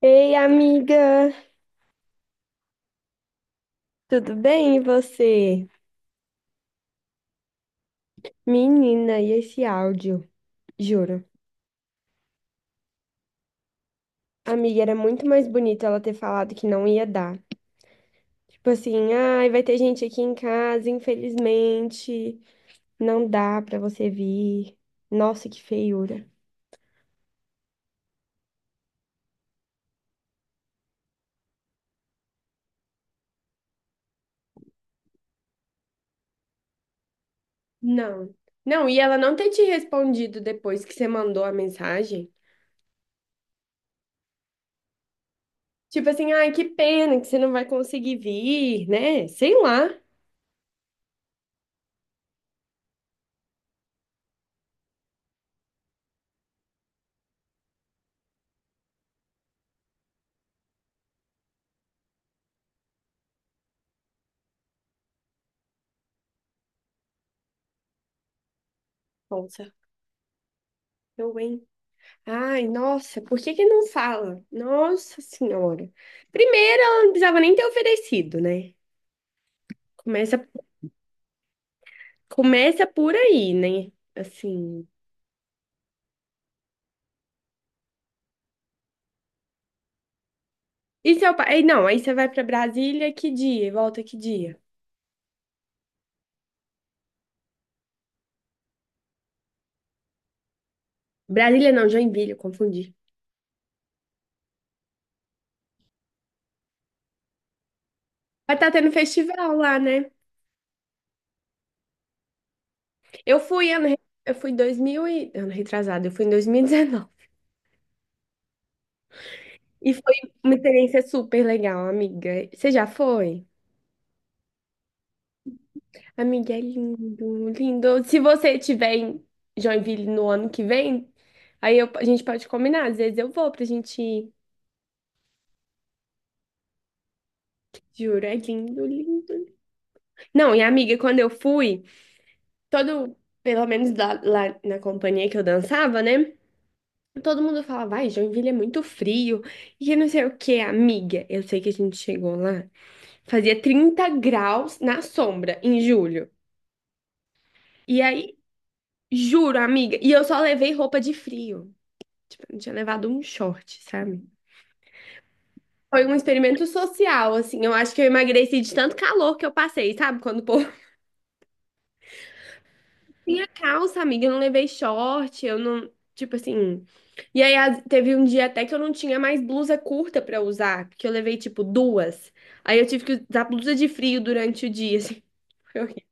Ei, amiga, tudo bem e você? Menina, e esse áudio? Juro. Amiga, era muito mais bonito ela ter falado que não ia dar. Tipo assim, ai, vai ter gente aqui em casa, infelizmente, não dá pra você vir. Nossa, que feiura. Não. Não, e ela não ter te respondido depois que você mandou a mensagem. Tipo assim, ai, que pena que você não vai conseguir vir, né? Sei lá. Nossa, eu, hein? Ai, nossa, por que que não fala? Nossa Senhora. Primeiro, ela não precisava nem ter oferecido, né? Começa, começa por aí, né? Assim. E seu pai? Aí não, aí você vai pra Brasília, que dia? E volta que dia? Brasília não, Joinville, eu confundi. Vai estar tendo festival lá, né? Eu fui ano, re- eu fui 2000 e ano retrasado, eu fui em 2019. E dezenove. E foi uma experiência super legal, amiga. Você já foi? Amiga, é lindo, lindo. Se você tiver em Joinville no ano que vem, a gente pode combinar. Às vezes eu vou pra gente ir. Juro, é lindo, lindo. Não, e amiga, quando eu fui, todo, pelo menos lá na companhia que eu dançava, né? Todo mundo falava, vai, Joinville é muito frio. E eu não sei o que, amiga. Eu sei que a gente chegou lá, fazia 30 graus na sombra em julho. E aí, juro, amiga, e eu só levei roupa de frio. Eu tinha levado um short, sabe? Foi um experimento social, assim. Eu acho que eu emagreci de tanto calor que eu passei, sabe? Quando o povo tinha calça, amiga, eu não levei short, eu não. Tipo assim. E aí teve um dia até que eu não tinha mais blusa curta pra usar, porque eu levei, tipo, duas. Aí eu tive que usar blusa de frio durante o dia, assim. Foi horrível.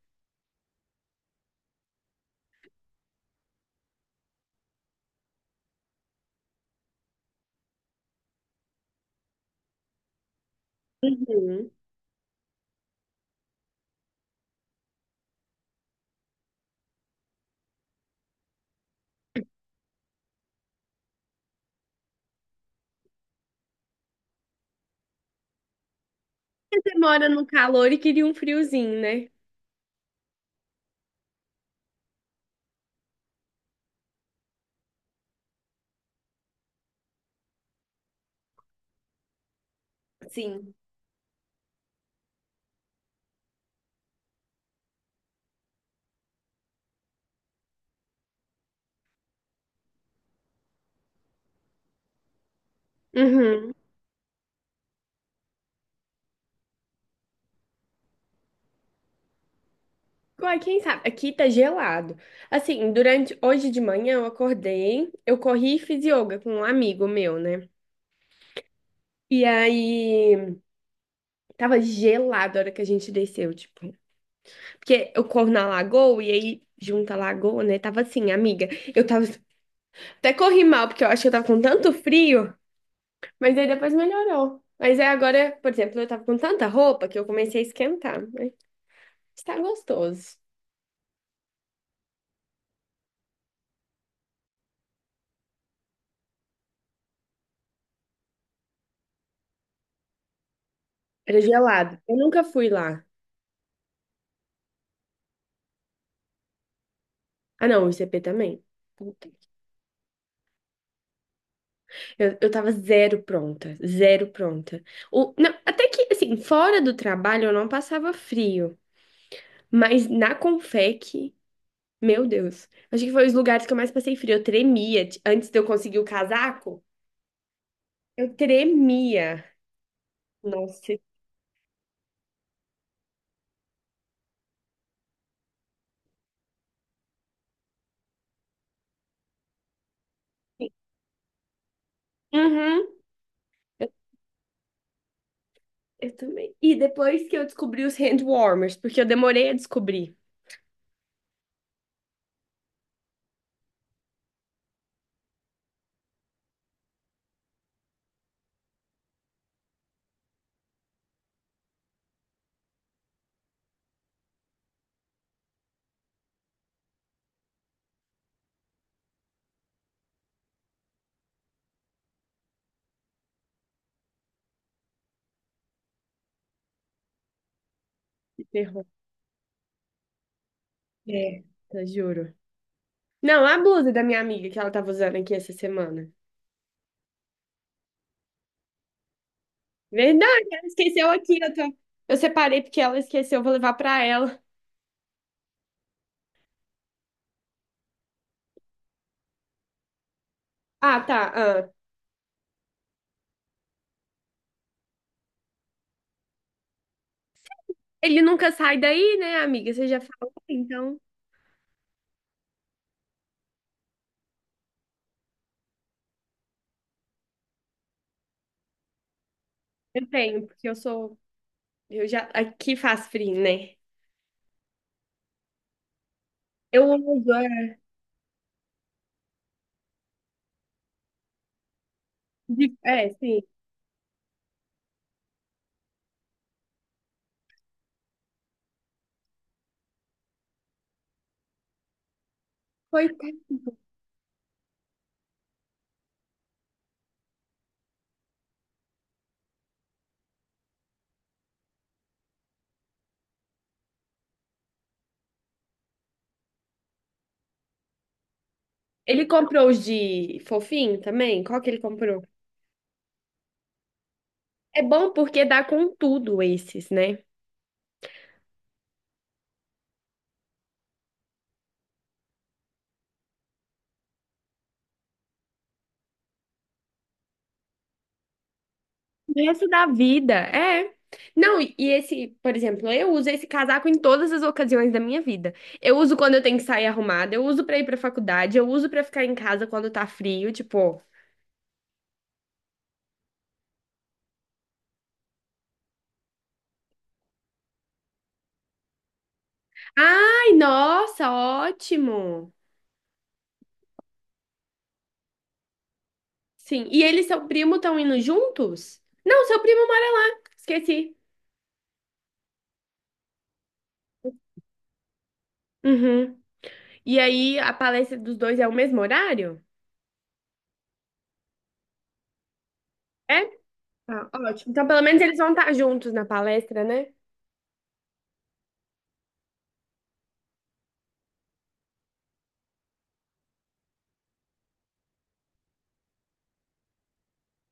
Uhum. Você mora no calor e queria um friozinho, né? Sim. Uhum. Uai, quem sabe? Aqui tá gelado. Assim, durante hoje de manhã eu acordei, eu corri e fiz yoga com um amigo meu, né? E aí tava gelado a hora que a gente desceu, tipo. Porque eu corro na lagoa e aí junta a lagoa, né? Tava assim, amiga. Eu tava até corri mal, porque eu acho que eu tava com tanto frio, mas aí depois melhorou. Mas aí agora, por exemplo, eu tava com tanta roupa que eu comecei a esquentar. Mas está gostoso. Era gelado. Eu nunca fui lá. Ah, não, o ICP também. Eu tava zero pronta, zero pronta. O, não, até que, assim, fora do trabalho eu não passava frio, mas na Confec, meu Deus. Acho que foi os lugares que eu mais passei frio. Eu tremia. Antes de eu conseguir o casaco, eu tremia. Nossa. Sim. Uhum. Eu, eu também. E depois que eu descobri os hand warmers, porque eu demorei a descobrir. Que terror. É, tá, juro. Não, a blusa da minha amiga que ela tava usando aqui essa semana. Verdade, ela esqueceu aqui. Eu separei porque ela esqueceu, eu vou levar pra ela. Ah, tá. Ah. Ele nunca sai daí, né, amiga? Você já falou, então. Eu tenho, porque eu sou. Eu já. Aqui faz frio, né? Eu uso. É, é, sim. Coitado. Ele comprou os de fofinho também? Qual que ele comprou? É bom porque dá com tudo esses, né? O resto da vida, é. Não, e esse, por exemplo, eu uso esse casaco em todas as ocasiões da minha vida. Eu uso quando eu tenho que sair arrumada, eu uso pra ir pra faculdade, eu uso pra ficar em casa quando tá frio, tipo. Ai, nossa, ótimo. Sim. E ele e seu primo estão indo juntos? Não, seu primo mora lá. Esqueci. Uhum. E aí a palestra dos dois é o mesmo horário? É? Ah, ótimo. Então, pelo menos eles vão estar juntos na palestra, né?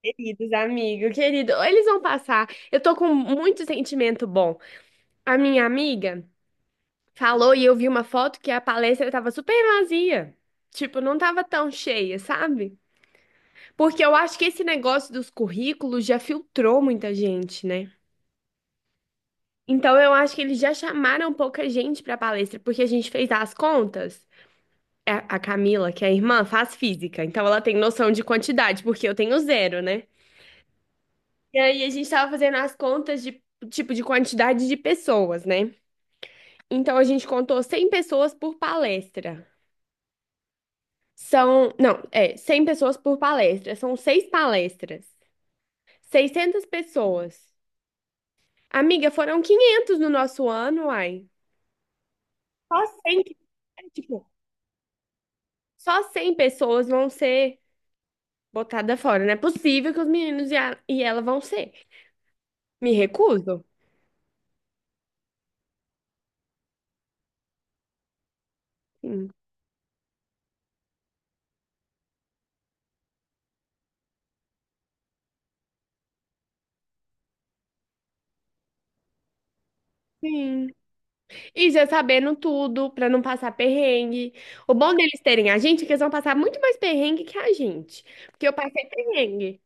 Queridos, amigo, querido, eles vão passar. Eu tô com muito sentimento bom. A minha amiga falou e eu vi uma foto que a palestra tava super vazia. Tipo, não tava tão cheia, sabe? Porque eu acho que esse negócio dos currículos já filtrou muita gente, né? Então eu acho que eles já chamaram pouca gente pra palestra, porque a gente fez as contas. A Camila, que é a irmã, faz física, então ela tem noção de quantidade, porque eu tenho zero, né? E aí a gente tava fazendo as contas de tipo de quantidade de pessoas, né? Então a gente contou 100 pessoas por palestra. São, não, é, 100 pessoas por palestra. São seis palestras. 600 pessoas. Amiga, foram 500 no nosso ano, ai. Só 100, é, tipo, só 100 pessoas vão ser botadas fora. Não é possível que os meninos e ela vão ser. Me recuso. Sim. Sim. E já sabendo tudo, pra não passar perrengue. O bom deles terem a gente é que eles vão passar muito mais perrengue que a gente. Porque eu passei perrengue.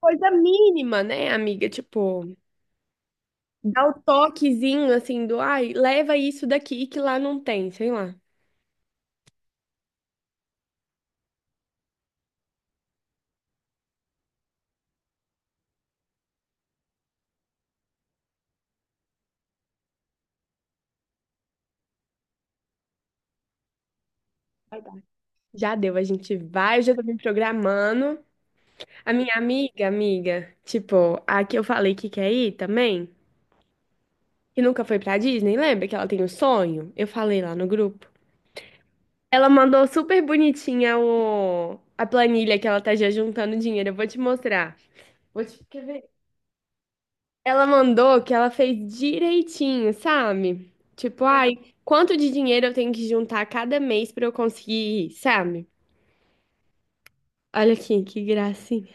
Coisa mínima, né, amiga? Tipo, dá o toquezinho assim do, ai, leva isso daqui que lá não tem, sei lá. Vai dar. Já deu, a gente vai, eu já tô me programando. A minha amiga, amiga, tipo, a que eu falei que quer ir também, que nunca foi pra Disney, lembra que ela tem um sonho? Eu falei lá no grupo. Ela mandou super bonitinha a planilha que ela tá já juntando dinheiro. Eu vou te mostrar. Quer ver? Ela mandou que ela fez direitinho, sabe? Tipo, ai, quanto de dinheiro eu tenho que juntar cada mês pra eu conseguir, sabe? Olha aqui, que gracinha.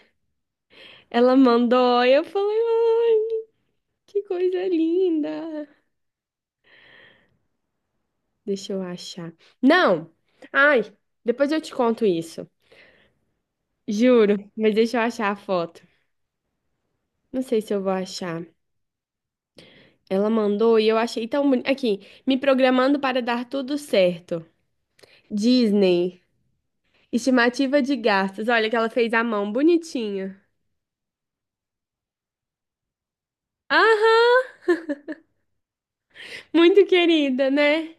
Ela mandou, eu falei, ai, que coisa linda. Deixa eu achar. Não! Ai, depois eu te conto isso. Juro, mas deixa eu achar a foto. Não sei se eu vou achar. Ela mandou e eu achei tão bonito. Aqui, me programando para dar tudo certo. Disney, estimativa de gastos. Olha que ela fez à mão, bonitinha. Aham, muito querida, né?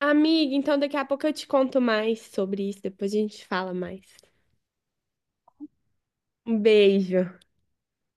Amiga, então daqui a pouco eu te conto mais sobre isso, depois a gente fala mais. Um beijo.